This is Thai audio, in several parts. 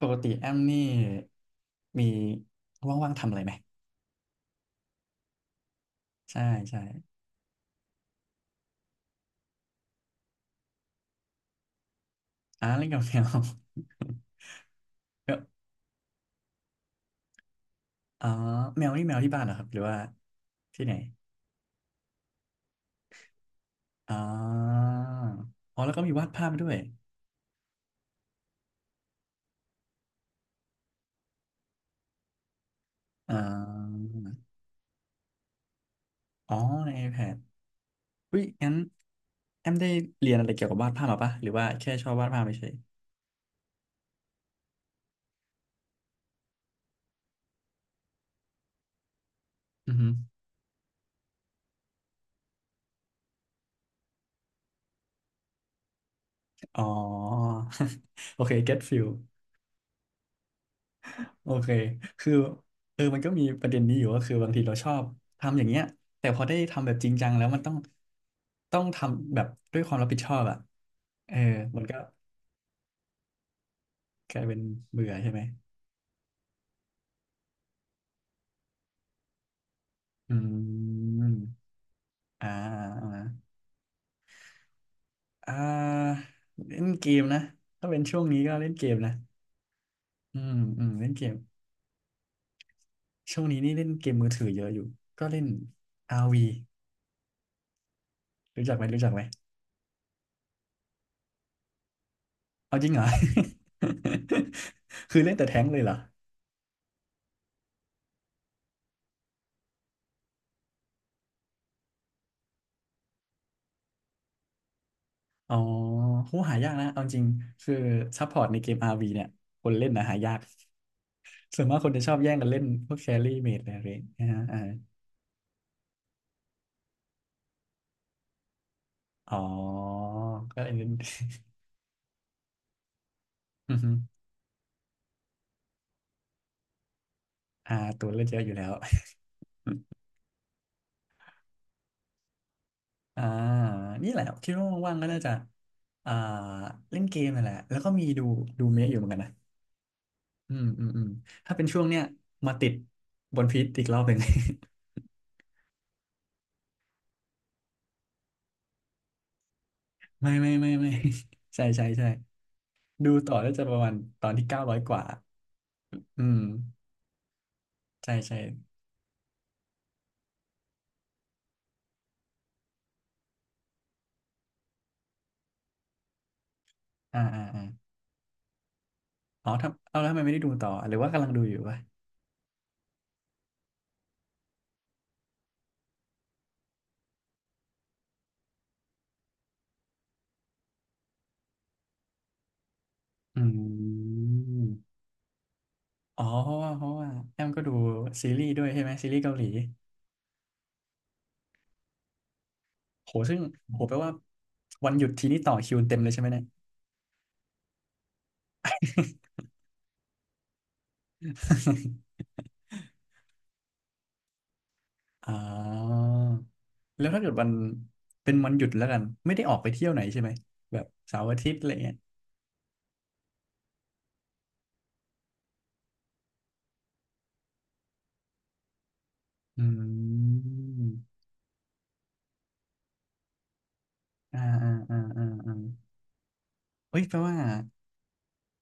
ปกติแอมนี่มีว่างๆทำอะไรไหมใช่ใช่เล่นกับแมว ก็อ๋อแมวนี่แมวที่บ้านเหรอครับหรือว่าที่ไหนอ๋ออ๋อแล้วก็มีวาดภาพด้วยอ๋ออ๋อใน iPad อุ้ยงั้นแอมได้เรียนอะไรเกี่ยวกับวาดภาพมาปะหรือว่าแค่ชอบวาดภาพเฉยๆอือฮึอ๋อ โอเค get feel โอเคคือเออมันก็มีประเด็นนี้อยู่ก็คือบางทีเราชอบทำอย่างเงี้ยแต่พอได้ทำแบบจริงจังแล้วมันต้อง ต้องทำแบบด้วยความรับผิดชอบอ่ะเออมันก็กลายเป็นเบื่อใช่ไหมอืมอ่าอ่าอ่าเล่นเกมนะถ้าเป็นช่วงนี้ก็เล่นเกมนะอืมอืมเล่นเกมช่วงนี้นี่เล่นเกมมือถือเยอะอยู่ก็เล่น RV รวีรู้จักไหมเอาจริงเหรอ คือเล่นแต่แท้งเลยเหรอ อ๋อผูหหายากนะเอาจริงคือซัพพอร์ตในเกม RV เนี่ยคนเล่นนะหายาก ส่วนมากคนจะชอบแย่งกันเล่นพวกแครี่เมจอะไรอย่างเงี้ยนะฮะอ๋อก็อยนนี้ อือฮึตัวเล่นเยอะอยู่แล้ว อ่านี่แหละคิดว่าว่างๆก็น่าจะอ่าเล่นเกมนั่นแหละแล้วก็มีดูดูเมะอยู่เหมือนกันนะอืมถ้าเป็นช่วงเนี้ยมาติดบนพีทอีกรอบหนึ่ง ไม่ไม่ไม่ไม่ ใช่ใช่ใช่ดูต่อแล้วจะประมาณตอนที่เก้าร้อยกว่าอืม ใช่ใช่อ่าอ๋อทำเอาแล้วทำไมไม่ได้ดูต่อหรือว่ากำลังดูอยู่วะอืมอ๋อเพราะว่าแอมก็ดูซีรีส์ด้วยใช่ไหมซีรีส์เกาหลีโหซึ่งโหแปลว่าวันหยุดทีนี้ต่อคิวเต็มเลยใช่ไหมเนี่ย อ๋อแล้วถ้าเกิดวันเป็นวันหยุดแล้วกันไม่ได้ออกไปเที่ยวไหนใช่ไหมแบบเสาร์อาทิตย์อะไรเงี้ยอืมอ่าเฮ้ยแปลว่า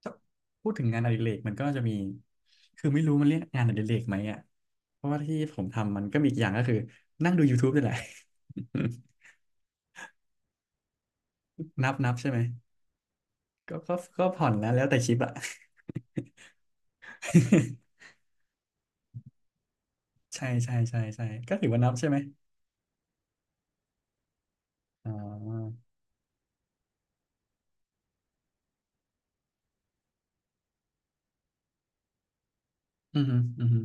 ถ้าพูดถึงงานอดิเรกมันก็จะมีคือไม่รู้มันเรียกงานอดิเรกไหมอ่ะเพราะว่าที่ผมทำมันก็มีอีกอย่างก็คือนั่งดูยูทูบนี่แหละ นับใช่ไหมก็ผ่อนแล้วแล้วแต่ชิปอ่ะ ใช่ก็ถือว่านับใช่ไหมอ๋ออือฮึอือฮึ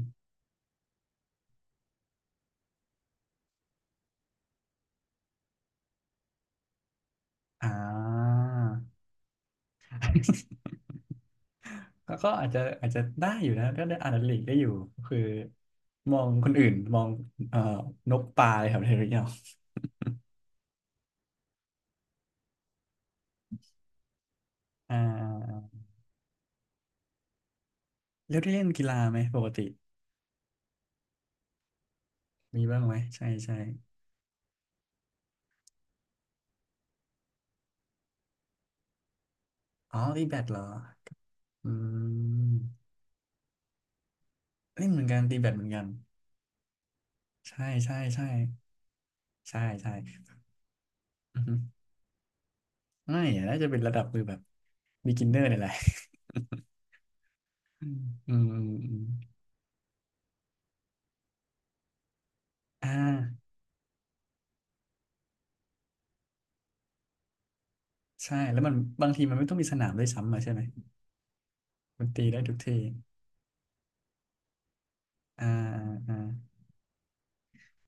อ่า ก็อาจจะอาจจะได้อยู่นะก็ได้อ่านอดิเรกได้อยู่ก็คือมองคนอื่นมองเอ่อนกปลาอะไรแบบนี้หรือเปล่าอ่าแล้วได้เล่นกีฬาไหมปกติ มีบ้างไหมใช่ใช่อ๋อตีแบดเหรออืมเล่นเหมือนกันตีแบดเหมือนกันใช่ใช่ใช่ใช่อือฮึไม่อะน่าจะเป็นระดับมือแบบ b e กินเนอร์นี่ยแหละ อืมอืมอ่าใช่แล้วมันบางทีมันไม่ต้องมีสนามด้วยซ้ำอะใช่ไหมมันตีได้ทุกทีอ่าอ่า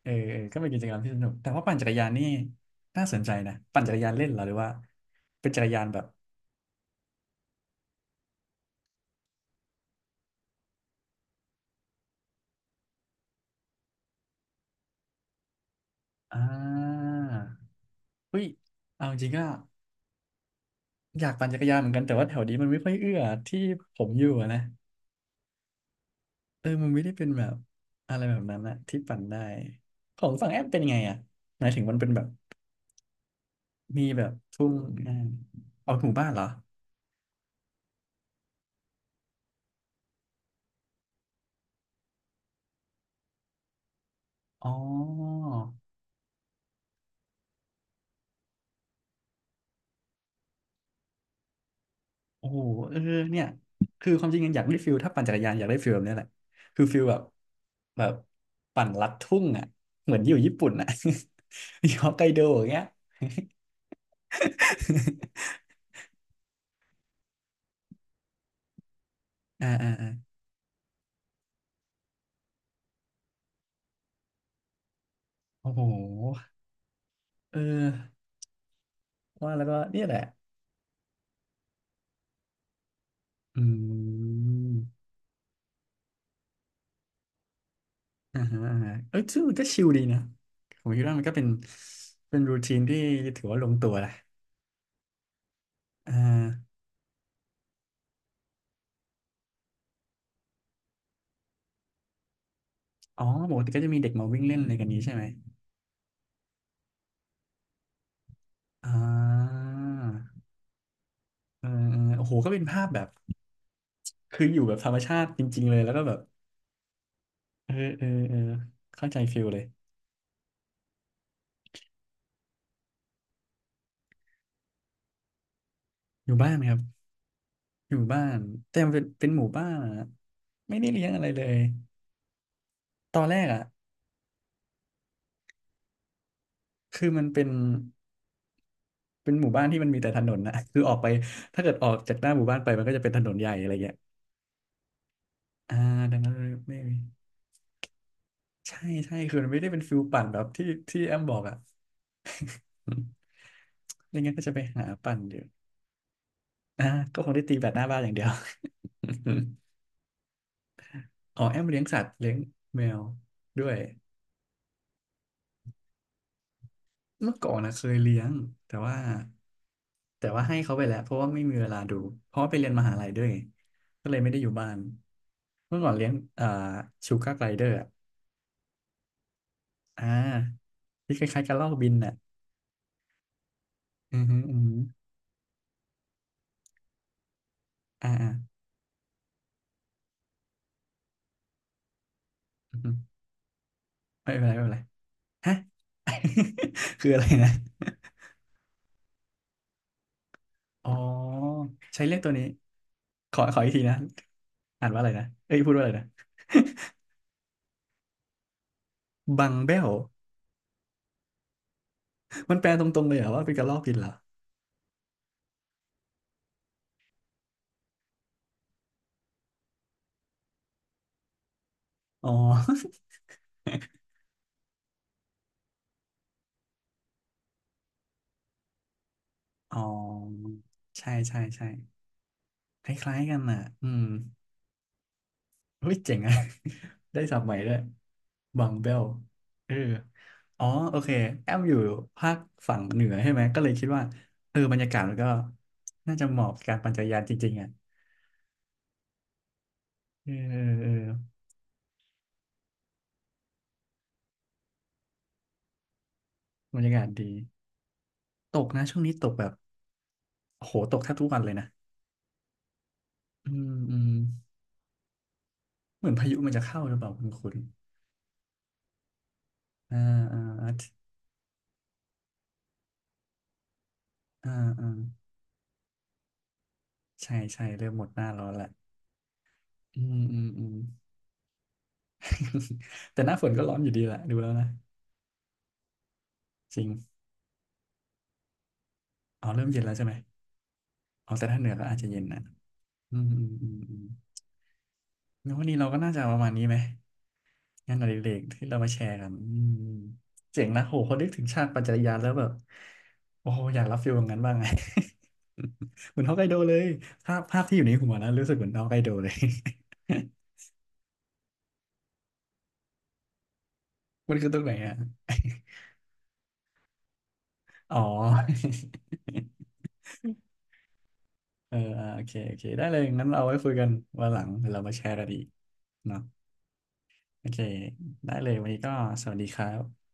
เออเออก็เป็นกิจกรรมที่สนุกแต่ว่าปั่นจักรยานนี่น่าสนใจนะปั่นจักรยานเล่นเหรอหรือว่าเป็นจักรยานแบบอ่าเฮ้ยเอาจริงๆก็ อยากปั่นจักรยานเหมือนกันแต่ว่าแถวนี้มันไม่ค่อยเอื้อที่ผมอยู่อะนะเออมันไม่ได้เป็นแบบอะไรแบบนั้นนะที่ปั่นได้ของฝั่งแอมเป็นไงอ่ะหมายถึงมันเป็นแบบมีแบบทุ่งอ่าเอาหมู่บ้านเหรออ๋อโอ้โหเออเนี่ยคือความจริงอยากได้ฟิลถ้าปั่นจักรยานอยากได้ฟิลแบบนี้แหละคือฟิลแบบแบบปั่นลัดทุ่งอ่ะเหมือนอยู่ญี่ปุ่นอ่ะ อยู่ฮอกไกโดอย่างเงี้ย อ่าโอ้โหเออว่าแล้วก็เนี่ยแหละ อืมอ่าฮะอ่าฮะเอ้ยซึ่งมันก็ชิลดีนะผมคิดว่ามันก็เป็นเป็นรูทีนที่ถือว่าลงตัวแหละอ่าอ๋อปกติก็จะมีเด็กมาวิ่งเล่นอะไรกันนี้ใช่ไหมอ่าเออเออโอ้โหก็เป็นภาพแบบคืออยู่แบบธรรมชาติจริงๆเลยแล้วก็แบบเออเข้าใจฟิลเลยอยู่บ้านไหมครับอยู่บ้านแต่มันเป็นหมู่บ้านอะไม่ได้เลี้ยงอะไรเลยตอนแรกอ่ะคือมันเป็น เป็นหมู่บ้านที่มันมีแต่ถนนนะ คือออกไปถ้าเกิดออกจากหน้าหมู่บ้านไปมันก็จะเป็นถนนใหญ่อะไรเงี้ยอ่าดังนั้นไม่มีใช่ใช่คือมันไม่ได้เป็นฟิลปั่นแบบที่แอมบอกอ่ะอืมไม่งั้นก็จะไปหาปั่นเดี๋ยวอ่าก็คงได้ตีแบดหน้าบ้านอย่างเดียว อ๋อแอมเลี้ยงสัตว์เลี้ยงแมวด้วยเมื่อก่อนนะเคยเลี้ยงแต่ว่าแต่ว่าให้เขาไปแล้วเพราะว่าไม่มีเวลาดูเพราะว่าไปเรียนมหาลัยด้วยก็เลยไม่ได้อยู่บ้านเมื่อก่อนเลี้ยงอ่าชูการ์ไกลเดอร์อ่ะอ่าที่คล้ายๆกับลอกบินน่ะ อือฮึอือฮึอ่าอ่าอือฮึไม่เป็นไรไม่เป็นไรฮะ คืออะไรนะ อ๋อใช้เรียกตัวนี้ขอขออีกทีนะอ่านว่าอะไรนะเอ้ยพูดว่าอะไรนะ บังเบลมันแปลตรงๆเลยเหรอว่าเป็นกระรอกกินเหรออ๋อ อ๋อใช่ใช่ใช่คล้ายๆกันน่ะอืม เฮ้ยเจ๋งอะ ได้ศัพท์ใหม่ด้วยบังเบลเอออ๋อโอเคแอมอยู่ภาคฝั่งเหนือใช่ไหมก็เลยคิดว่าเออบรรยากาศมันก็น่าจะเหมาะกับการปั่นจักรยานจริงๆอ่ะเออเออเออบรรยากาศดีตกนะช่วงนี้ตกแบบโอ้โหตกแทบทุกวันเลยนะอืมอืมเหมือนพายุมันจะเข้าหรือเปล่าคุณอ่าอ่าอ่าอ่าใช่ใช่เริ่มหมดหน้าร้อนละอืมอืมอืม แต่หน้าฝนก็ร้อนอยู่ดีแหละดูแล้วนะจริงอ๋อเริ่มเย็นแล้วใช่ไหม เอาแต่ถ้าเหนือก็อาจจะเย็นนะอืมอืมอืมอืมงั้นวันนี้เราก็น่าจะประมาณนี้ไหมงานอดิเรกที่เรามาแชร์กันอืมเจ๋งนะโหพอนึกถึงชาติปัจจัยยานแล้วแบบโอ้โหอยากรับฟีลแบบนั้นบ้างไง เหมือนฮอกไกโดเลยภาพภาพที่อยู่ในหัวนะรู้สึกเหมือนฮอกไกโดเลย มันคือตรงไหนอ่ะอ๋อ เอออ่าโอเคโอเคได้เลยงั้นเราเอาไว้คุยกันวันหลังเดี๋ยวเรามาแชร์กันอีกเนาะโอเคได้เลยวันนี้ก็สวัสดีครับ